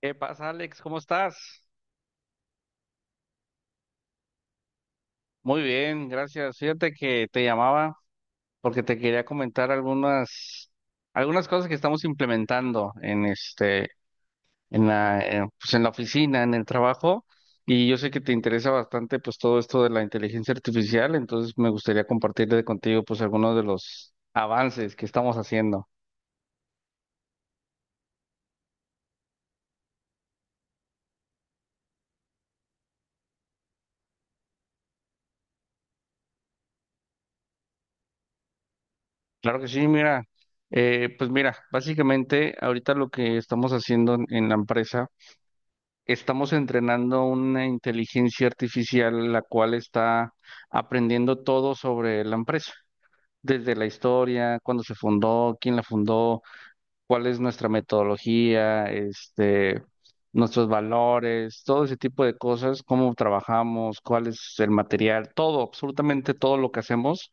¿Qué pasa, Alex? ¿Cómo estás? Muy bien, gracias. Fíjate que te llamaba porque te quería comentar algunas cosas que estamos implementando en este en la pues en la oficina, en el trabajo, y yo sé que te interesa bastante pues todo esto de la inteligencia artificial, entonces me gustaría compartirle contigo pues algunos de los avances que estamos haciendo. Claro que sí, mira, pues mira, básicamente ahorita lo que estamos haciendo en la empresa. Estamos entrenando una inteligencia artificial la cual está aprendiendo todo sobre la empresa, desde la historia, cuándo se fundó, quién la fundó, cuál es nuestra metodología, nuestros valores, todo ese tipo de cosas, cómo trabajamos, cuál es el material, todo, absolutamente todo lo que hacemos.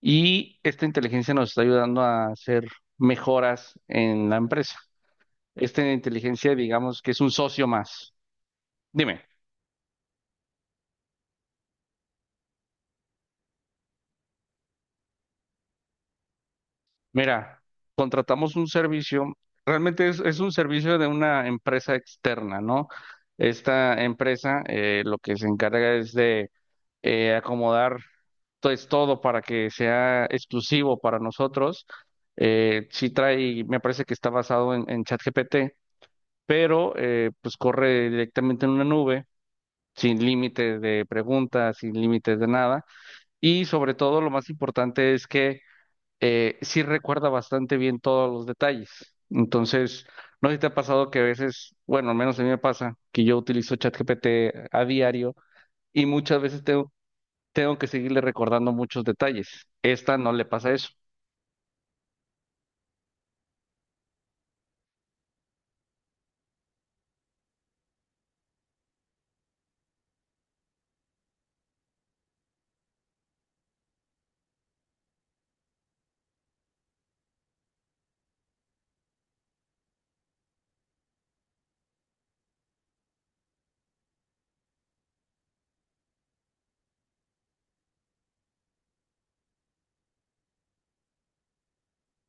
Y esta inteligencia nos está ayudando a hacer mejoras en la empresa. Esta inteligencia, digamos que es un socio más. Dime. Mira, contratamos un servicio, realmente es un servicio de una empresa externa, ¿no? Esta empresa, lo que se encarga es de acomodar pues todo para que sea exclusivo para nosotros. Sí trae, me parece que está basado en ChatGPT, pero pues corre directamente en una nube, sin límites de preguntas, sin límites de nada. Y sobre todo lo más importante es que sí recuerda bastante bien todos los detalles. Entonces, no sé si te ha pasado que a veces, bueno, al menos a mí me pasa que yo utilizo ChatGPT a diario y muchas veces tengo que seguirle recordando muchos detalles. Esta no le pasa eso.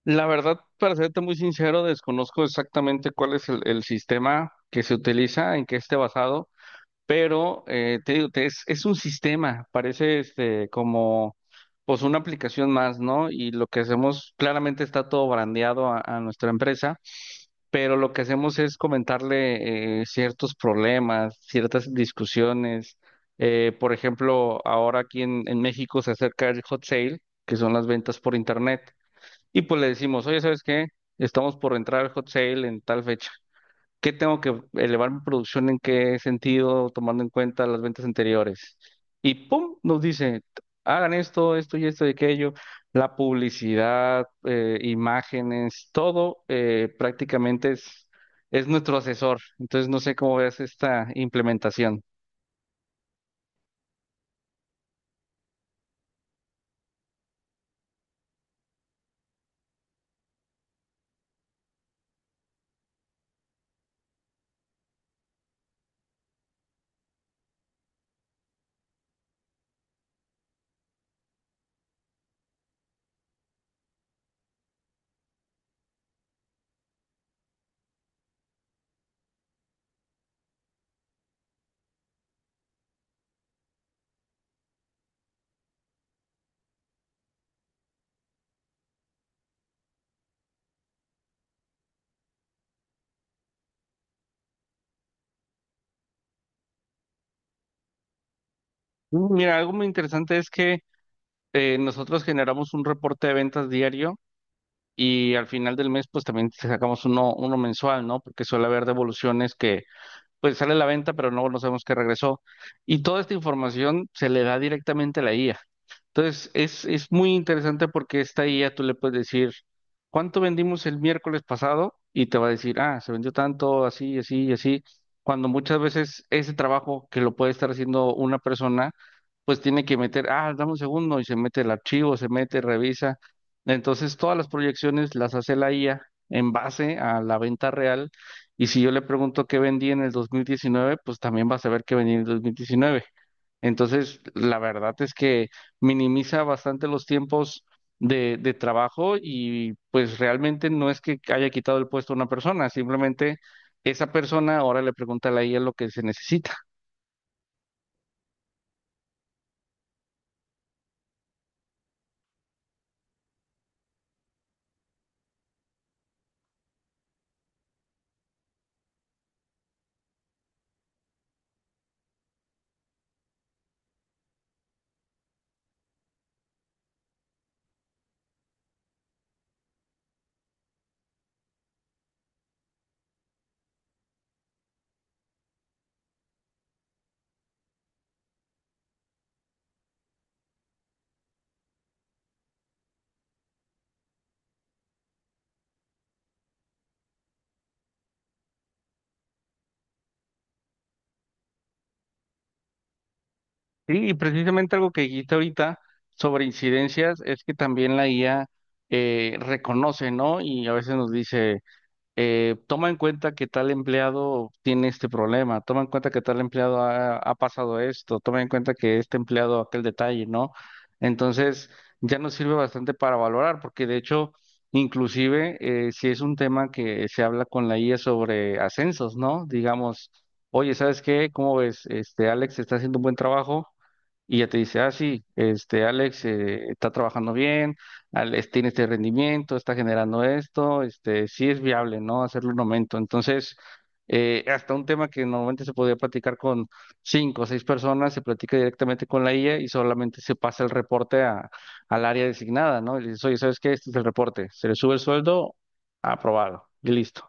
La verdad, para serte muy sincero, desconozco exactamente cuál es el sistema que se utiliza, en qué esté basado. Pero te digo, es un sistema, parece como pues una aplicación más, ¿no? Y lo que hacemos, claramente está todo brandeado a nuestra empresa, pero lo que hacemos es comentarle ciertos problemas, ciertas discusiones. Por ejemplo, ahora aquí en México se acerca el hot sale, que son las ventas por internet, y pues le decimos, oye, ¿sabes qué? Estamos por entrar al hot sale en tal fecha. ¿Qué tengo que elevar mi producción en qué sentido, tomando en cuenta las ventas anteriores? Y pum, nos dice, hagan esto, esto y esto y aquello, la publicidad, imágenes, todo, prácticamente es nuestro asesor. Entonces no sé cómo ves esta implementación. Mira, algo muy interesante es que nosotros generamos un reporte de ventas diario y al final del mes pues también sacamos uno, uno mensual, ¿no? Porque suele haber devoluciones que pues sale a la venta, pero no, no sabemos qué regresó. Y toda esta información se le da directamente a la IA. Entonces, es muy interesante porque esta IA tú le puedes decir, ¿cuánto vendimos el miércoles pasado? Y te va a decir, ah, se vendió tanto, así, así y así. Cuando muchas veces ese trabajo que lo puede estar haciendo una persona, pues tiene que meter, ah, dame un segundo y se mete el archivo, se mete, revisa. Entonces, todas las proyecciones las hace la IA en base a la venta real, y si yo le pregunto qué vendí en el 2019, pues también vas a ver qué vendí en el 2019. Entonces, la verdad es que minimiza bastante los tiempos de trabajo, y pues realmente no es que haya quitado el puesto a una persona, simplemente esa persona ahora le pregunta a la IA lo que se necesita. Sí, y precisamente algo que dijiste ahorita sobre incidencias es que también la IA reconoce, ¿no? Y a veces nos dice toma en cuenta que tal empleado tiene este problema, toma en cuenta que tal empleado ha pasado esto, toma en cuenta que este empleado aquel detalle, ¿no? Entonces, ya nos sirve bastante para valorar, porque de hecho, inclusive, si es un tema que se habla con la IA sobre ascensos, ¿no? Digamos, oye, ¿sabes qué? ¿Cómo ves? Alex está haciendo un buen trabajo. Y ya te dice, ah, sí, Alex está trabajando bien, Alex tiene este rendimiento, está generando esto, este, sí es viable, ¿no? Hacerlo un aumento. Entonces, hasta un tema que normalmente se podía platicar con cinco o seis personas, se platica directamente con la IA y solamente se pasa el reporte al área designada, ¿no? Y le dices, oye, ¿sabes qué? Este es el reporte. Se le sube el sueldo, aprobado, y listo.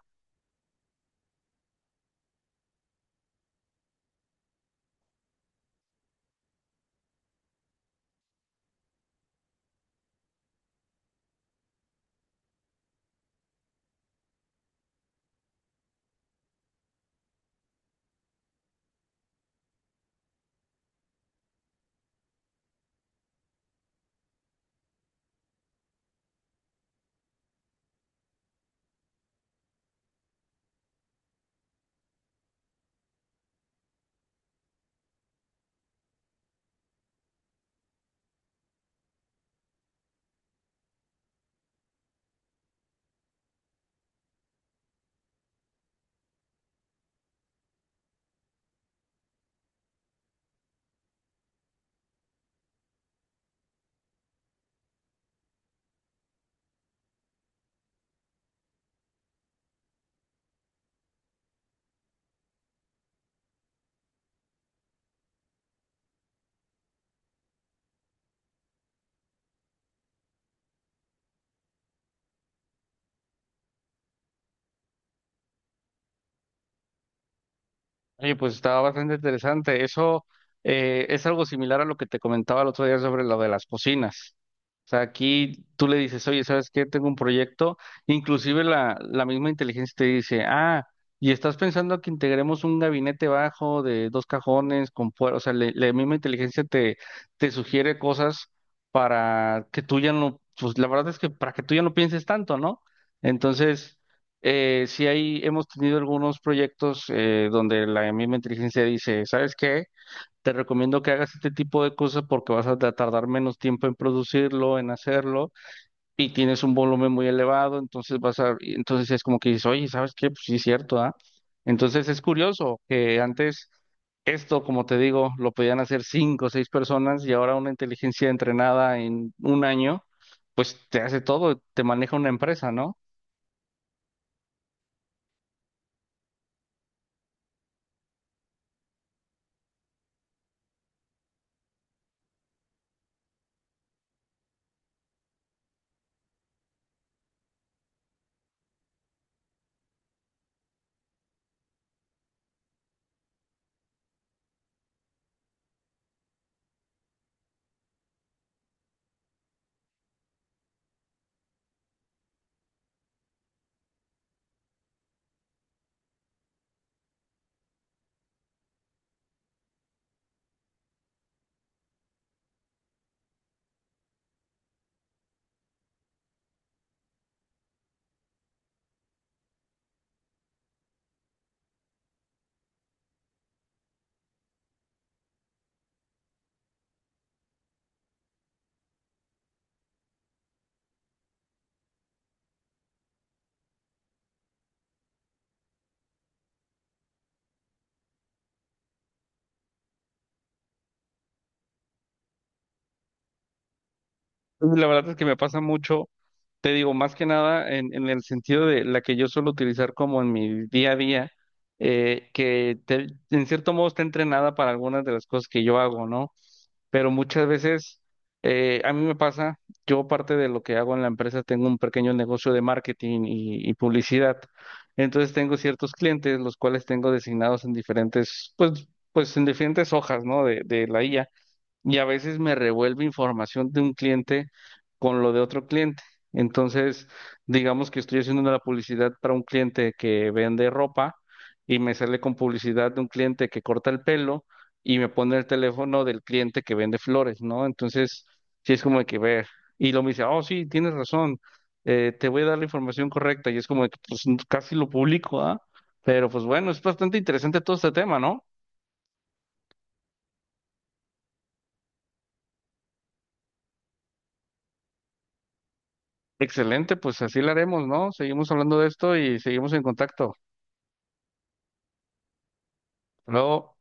Oye, pues estaba bastante interesante. Eso es algo similar a lo que te comentaba el otro día sobre lo de las cocinas. O sea, aquí tú le dices, oye, ¿sabes qué? Tengo un proyecto. Inclusive la misma inteligencia te dice, ah, y estás pensando que integremos un gabinete bajo de dos cajones con puer-". O sea, la misma inteligencia te sugiere cosas para que tú ya no, pues la verdad es que para que tú ya no pienses tanto, ¿no? Entonces. Sí, ahí hemos tenido algunos proyectos donde la misma inteligencia dice, ¿sabes qué? Te recomiendo que hagas este tipo de cosas porque vas a tardar menos tiempo en producirlo, en hacerlo, y tienes un volumen muy elevado, entonces y entonces es como que dices, oye, ¿sabes qué? Pues sí, es cierto, ¿ah? Entonces es curioso que antes esto, como te digo, lo podían hacer cinco o seis personas y ahora una inteligencia entrenada en un año, pues te hace todo, te maneja una empresa, ¿no? La verdad es que me pasa mucho, te digo, más que nada en el sentido de la que yo suelo utilizar como en mi día a día, en cierto modo está entrenada para algunas de las cosas que yo hago, ¿no? Pero muchas veces a mí me pasa, yo parte de lo que hago en la empresa tengo un pequeño negocio de marketing y publicidad, entonces tengo ciertos clientes los cuales tengo designados en diferentes, pues en diferentes hojas, ¿no? De la IA, y a veces me revuelve información de un cliente con lo de otro cliente. Entonces, digamos que estoy haciendo la publicidad para un cliente que vende ropa y me sale con publicidad de un cliente que corta el pelo y me pone el teléfono del cliente que vende flores, ¿no? Entonces, sí es como de que ver. Y lo me dice, oh, sí, tienes razón, te voy a dar la información correcta. Y es como de que pues, casi lo publico, ¿ah? Pero pues bueno, es bastante interesante todo este tema, ¿no? Excelente, pues así lo haremos, ¿no? Seguimos hablando de esto y seguimos en contacto. Hasta luego.